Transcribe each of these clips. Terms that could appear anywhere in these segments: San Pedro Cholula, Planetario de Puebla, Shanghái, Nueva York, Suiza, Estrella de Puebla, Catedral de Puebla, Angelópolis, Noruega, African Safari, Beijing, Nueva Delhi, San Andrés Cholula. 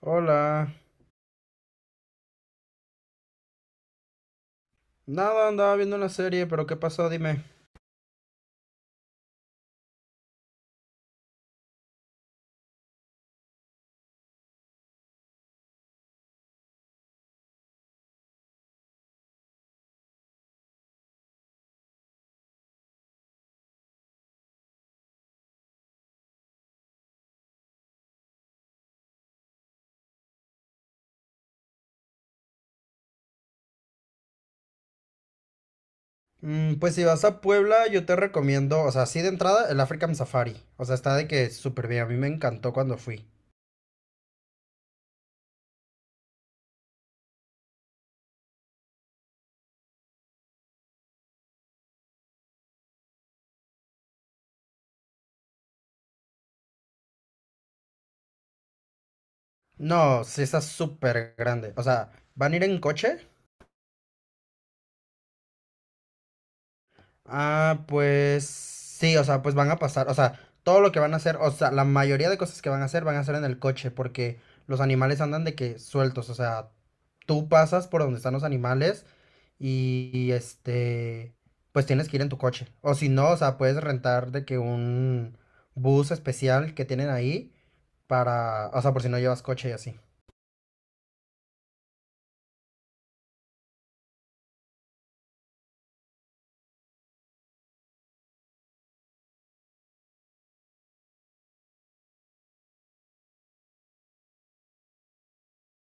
Hola. Nada, andaba viendo una serie, pero ¿qué pasó? Dime. Pues si vas a Puebla, yo te recomiendo, o sea, sí de entrada, el African Safari. O sea, está de que súper bien. A mí me encantó cuando fui. No, sí está súper grande. O sea, ¿van a ir en coche? Ah, pues sí, o sea, pues van a pasar, o sea, todo lo que van a hacer, o sea, la mayoría de cosas que van a hacer en el coche, porque los animales andan de que sueltos, o sea, tú pasas por donde están los animales y, este, pues tienes que ir en tu coche, o si no, o sea, puedes rentar de que un bus especial que tienen ahí para, o sea, por si no llevas coche y así.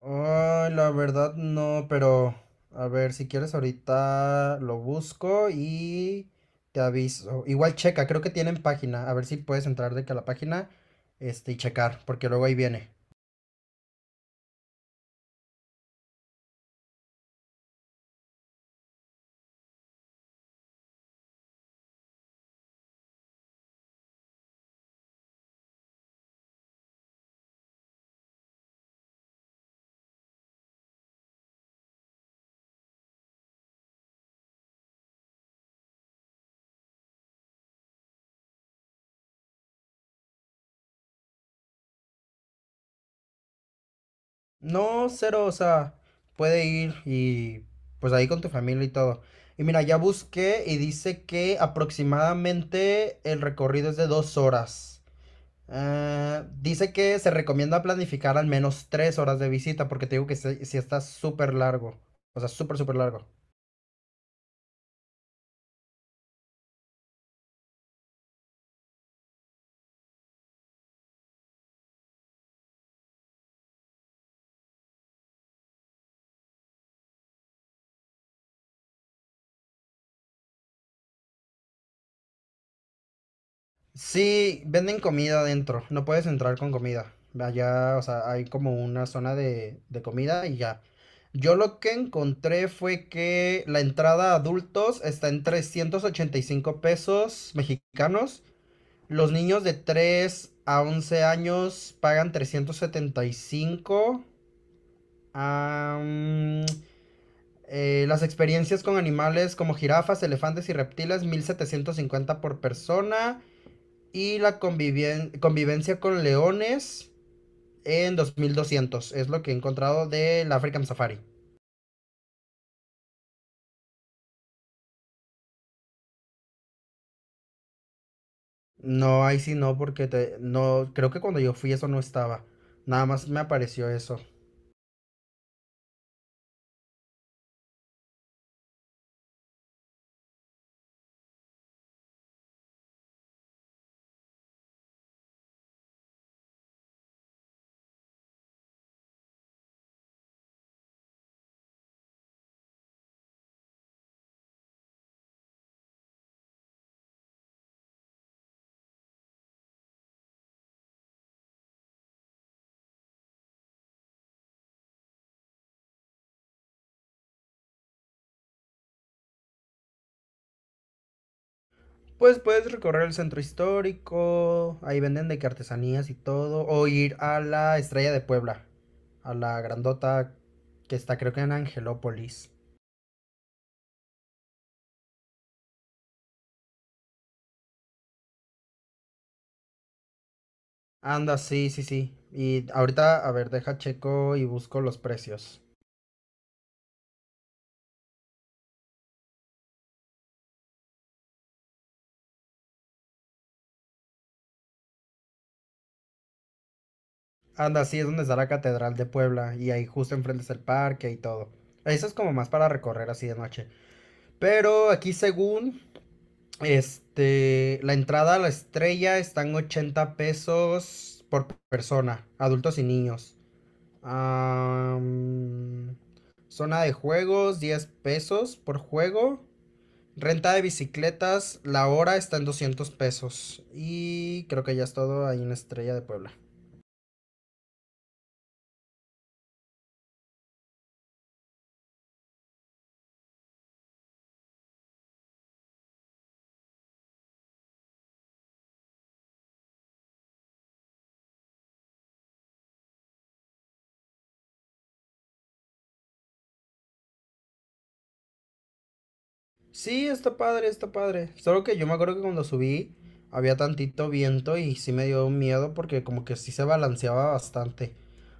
Ay, la verdad no, pero a ver, si quieres ahorita lo busco y te aviso. Igual checa, creo que tienen página. A ver si puedes entrar de que a la página, este, y checar, porque luego ahí viene. No, cero, o sea, puede ir y pues ahí con tu familia y todo. Y mira, ya busqué y dice que aproximadamente el recorrido es de dos horas. Ah, dice que se recomienda planificar al menos tres horas de visita, porque te digo que si está súper largo. O sea, súper, súper largo. Sí, venden comida adentro. No puedes entrar con comida. Allá, o sea, hay como una zona de comida y ya. Yo lo que encontré fue que la entrada a adultos está en 385 pesos mexicanos. Los niños de 3 a 11 años pagan 375. Am, las experiencias con animales como jirafas, elefantes y reptiles, 1750 por persona. Y la convivencia con leones en dos mil doscientos. Es lo que he encontrado del African Safari. No, ahí sí no, porque no, creo que cuando yo fui eso no estaba. Nada más me apareció eso. Pues puedes recorrer el centro histórico. Ahí venden de que artesanías y todo. O ir a la Estrella de Puebla. A la grandota que está creo que en Angelópolis. Anda, sí, sí, sí. Y ahorita, a ver, deja checo y busco los precios. Anda, sí, es donde está la Catedral de Puebla y ahí justo enfrente es el parque y todo. Eso es como más para recorrer así de noche. Pero aquí según, este, la entrada a la estrella están 80 pesos por persona, adultos y niños. Am, Zona de juegos, 10 pesos por juego. Renta de bicicletas, la hora está en 200 pesos. Y creo que ya es todo ahí en Estrella de Puebla. Sí, está padre, está padre. Solo que yo me acuerdo que cuando subí había tantito viento y sí me dio miedo porque como que sí se balanceaba bastante.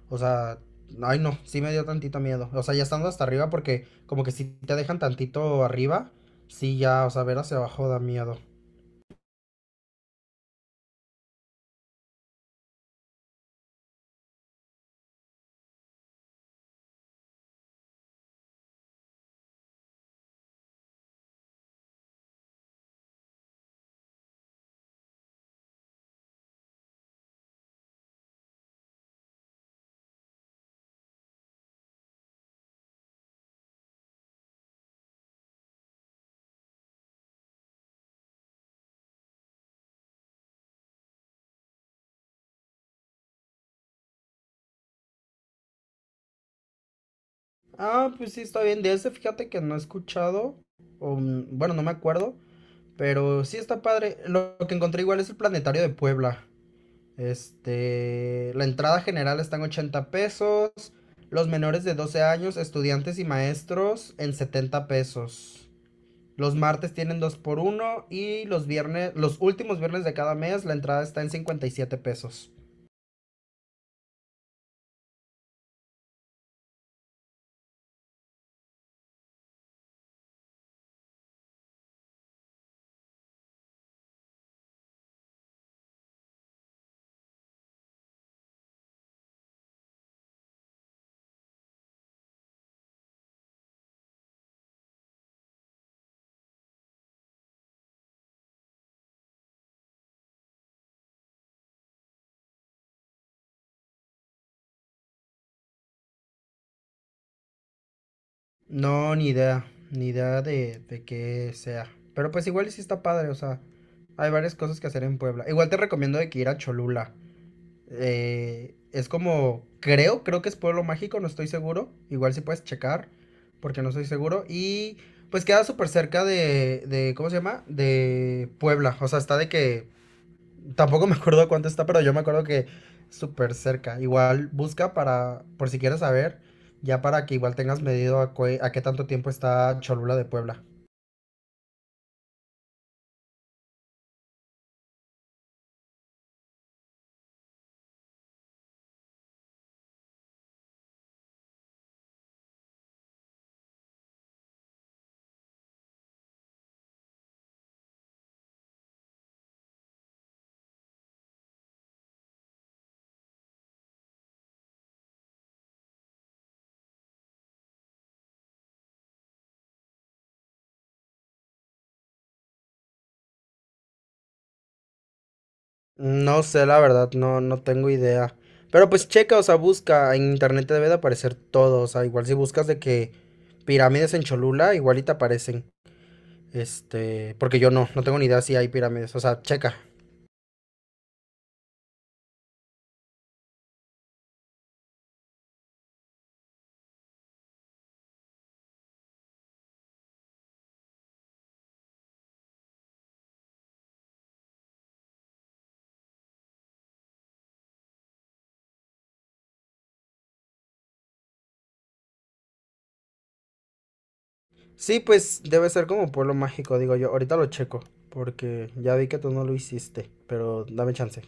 O sea, ay no, sí me dio tantito miedo. O sea, ya estando hasta arriba porque como que si te dejan tantito arriba, sí ya, o sea, ver hacia abajo da miedo. Ah, pues sí, está bien. De ese, fíjate que no he escuchado, o bueno, no me acuerdo, pero sí está padre. Lo que encontré igual es el Planetario de Puebla. Este, la entrada general está en 80 pesos, los menores de 12 años, estudiantes y maestros en 70 pesos. Los martes tienen 2 por uno y los viernes, los últimos viernes de cada mes, la entrada está en 57 pesos. No, ni idea, ni idea de qué sea. Pero pues igual sí está padre, o sea, hay varias cosas que hacer en Puebla. Igual te recomiendo de que ir a Cholula. Es como, creo que es Pueblo Mágico, no estoy seguro. Igual si puedes checar, porque no estoy seguro. Y pues queda súper cerca de, ¿cómo se llama? De Puebla. O sea, está de que tampoco me acuerdo cuánto está, pero yo me acuerdo que súper cerca. Igual busca para, por si quieres saber, ya para que igual tengas medido a qué tanto tiempo está Cholula de Puebla. No sé, la verdad, no, no tengo idea. Pero pues checa, o sea, busca, en internet te debe de aparecer todo, o sea, igual si buscas de que pirámides en Cholula, igual y te aparecen. Este, porque yo no tengo ni idea si hay pirámides, o sea, checa. Sí, pues debe ser como un pueblo mágico, digo yo. Ahorita lo checo, porque ya vi que tú no lo hiciste, pero dame chance.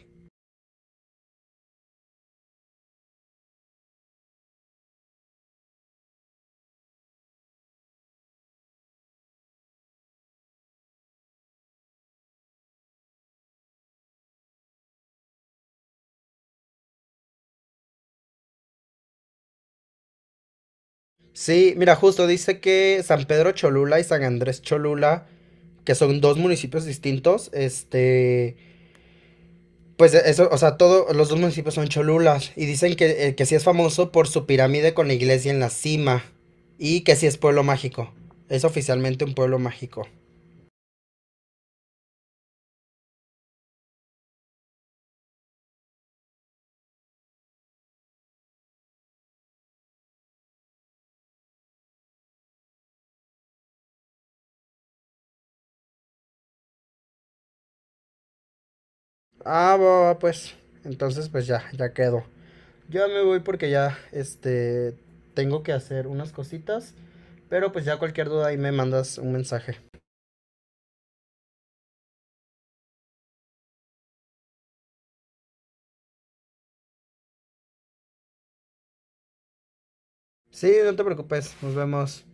Sí, mira, justo dice que San Pedro Cholula y San Andrés Cholula, que son dos municipios distintos, este, pues eso, o sea, todos los dos municipios son Cholulas y dicen que sí es famoso por su pirámide con la iglesia en la cima y que sí es pueblo mágico. Es oficialmente un pueblo mágico. Ah, va, va, pues, entonces pues ya, ya quedó. Yo ya me voy porque ya, este, tengo que hacer unas cositas, pero pues ya cualquier duda ahí me mandas un mensaje. Sí, no te preocupes, nos vemos.